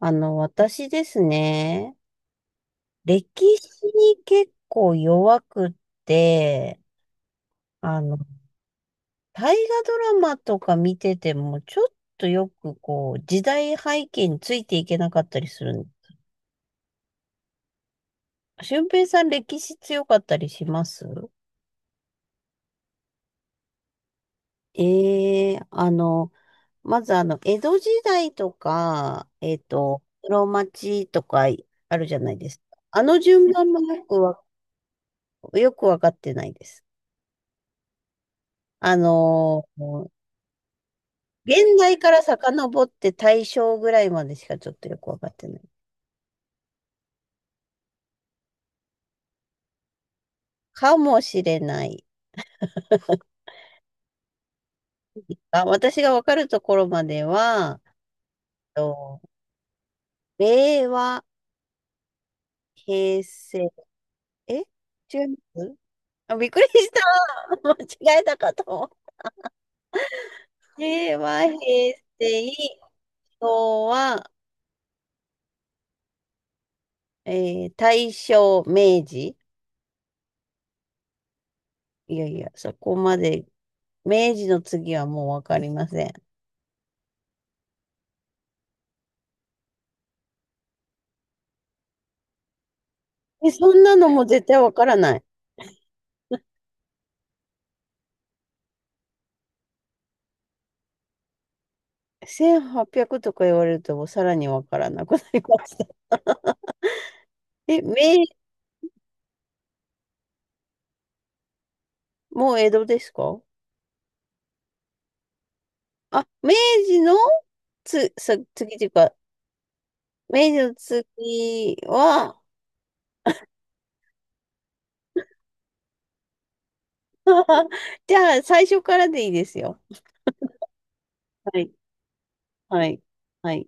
私ですね、歴史に結構弱くって、あの、大河ドラマとか見てても、ちょっとよくこう、時代背景についていけなかったりする。俊平さん、歴史強かったりします？ええ、まず江戸時代とか、室町とかあるじゃないですか。あの順番もよくわかってないです。あの、現代から遡って大正ぐらいまでしかちょっとよくわかってない。かもしれないが。あ、私がわかるところまでは、と令和、平成、え、違います。あ、びっくりした。間違えたかと思う。令和、平成、昭和、え大正、明治。いやいや、そこまで、明治の次はもうわかりません。え、そんなのも絶対わからない。1800とか言われるともうさらにわからなくなりました。え、明、もう江戸ですか？あ、明治の次というか、明治の次は、じゃあ最初からでいいですよ。はい、はい、はい、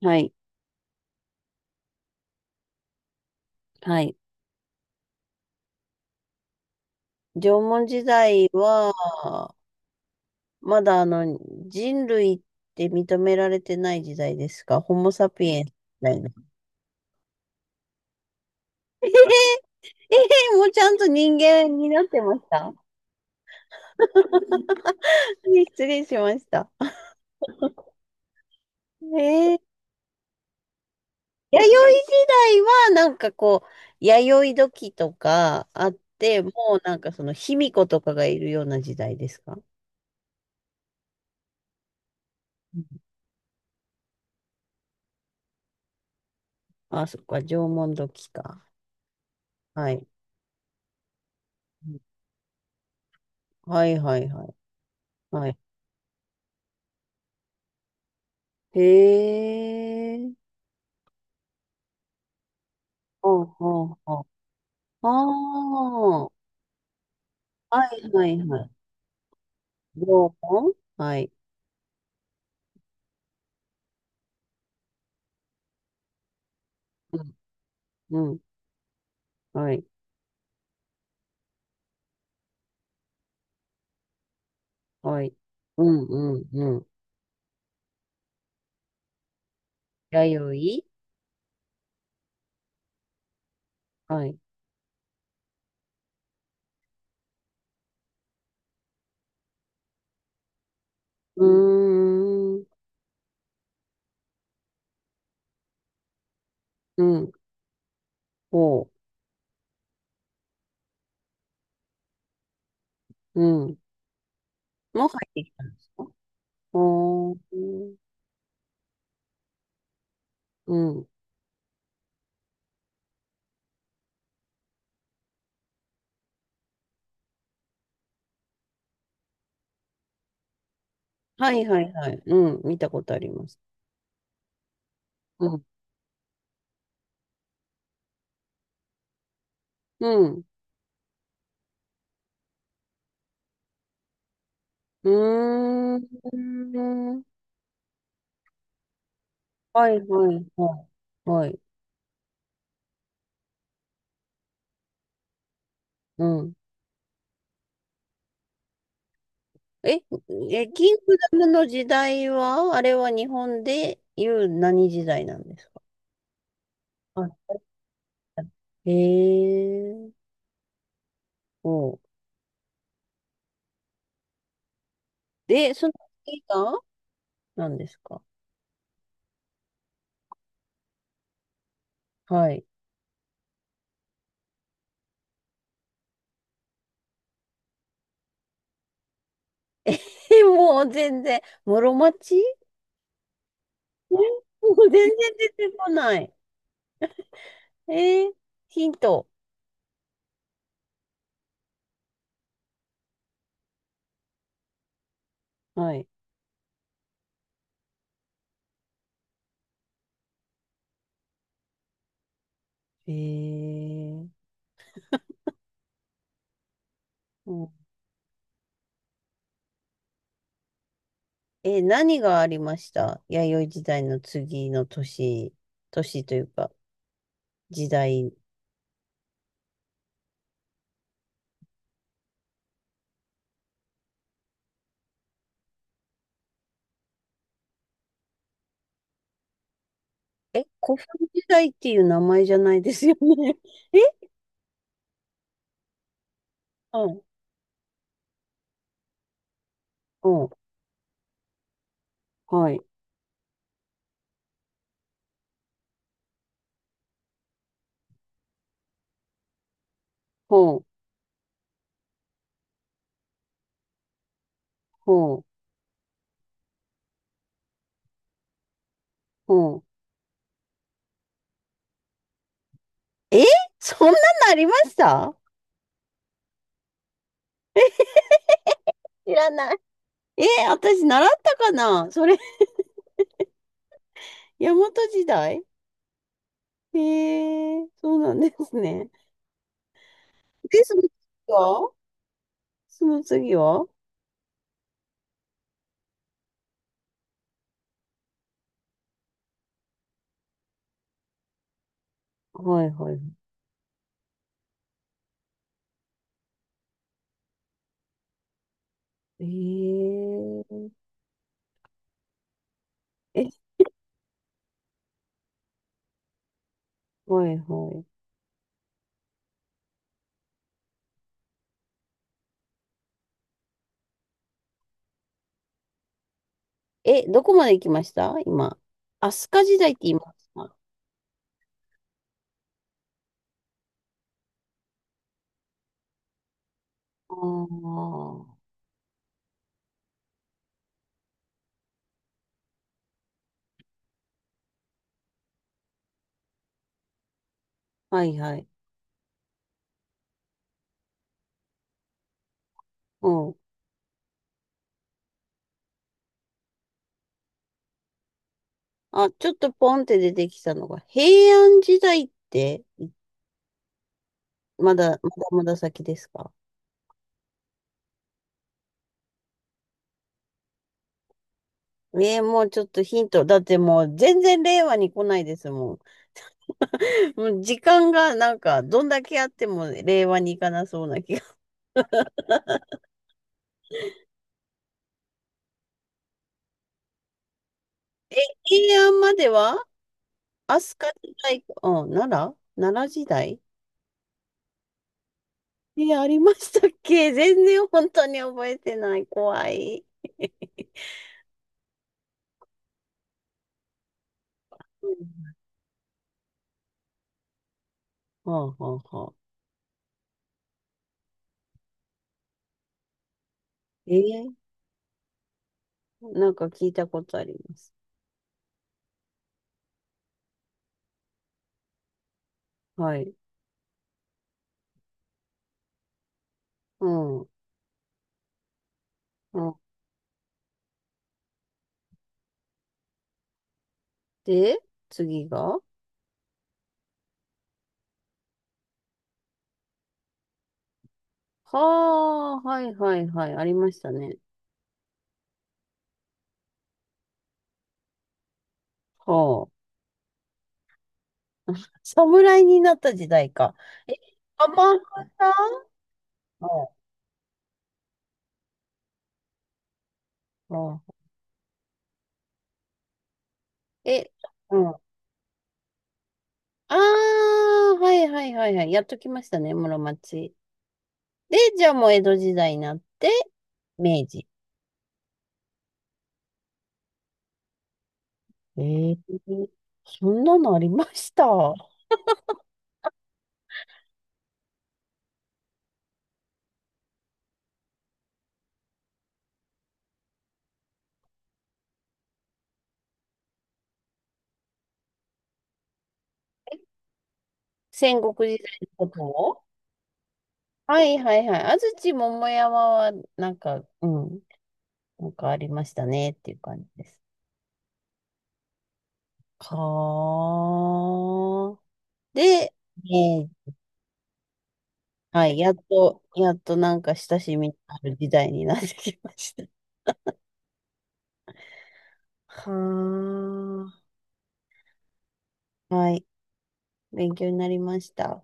はい、はい。縄文時代は、まだ人類って認められてない時代ですか？ホモサピエンスみたいな。えへへえへへもうちゃんと人間になってました？失礼しました。えー、弥生時代はなんかこう、弥生時とかあって、もうなんかその卑弥呼とかがいるような時代ですか？うん、あ、そっか、縄文時か。はい。うん、はいはいはい。はい。へえ。ほうほうほう。ああ。はいはいはい。縄文、はい。うん。うん。はい。はい。うんうんうん。弥生、はい。うーん。うん。おう。うん。もう入ってきたんですか？おー。うん。はいはいはい。うん。見たことあります。うん。うん。うーん。はいはいはい。はい。うん。え、え、キングダムの時代は、あれは日本でいう何時代なんですか？はい。へえ。おう。で、その次が何ですか？はい。え、もう全然、室町、もう全然出てこない。えーヒント。はい。えー、うん。何がありました？弥生時代の次の年、年というか、時代。え、古墳時代っていう名前じゃないですよね。え。うん、うん、はい、ほう、ほう、ほう。え、そんなのありました？知らない。え、私習ったかなそれ、大和時代？へえ、そうなんですね。で、はその次ははいはい。え、え、え、はいはい。え、どこまで行きました今？飛鳥時代って言いますか？ああ、はいはい。うん。あ、ちょっとポンって出てきたのが、平安時代って、まだまだ先ですか？もうちょっとヒント。だってもう全然令和に来ないですもん。もう時間がなんか、どんだけあっても令和に行かなそうな気が。平安までは飛鳥時代か、うん、奈良時代。え、ありましたっけ？全然本当に覚えてない。怖い。うん、はあはあはあ。ええ、なんか聞いたことあります。はい。うん。うん。で、次が。はあ、はいはいはい。ありましたね。はあ。侍になった時代か。え、鎌倉、あ、え、うん。ああ、はいはいはいはい。やっときましたね、室町。で、じゃあもう江戸時代になって、明治。えーそんなのありました？戦国時代のことを？はいはいはい。安土桃山は、なんか、うん、なんかありましたねっていう感じです。はあ。で、ーはい、やっと、やっとなんか親しみのある時代になってきました。はあ。はい。勉強になりました。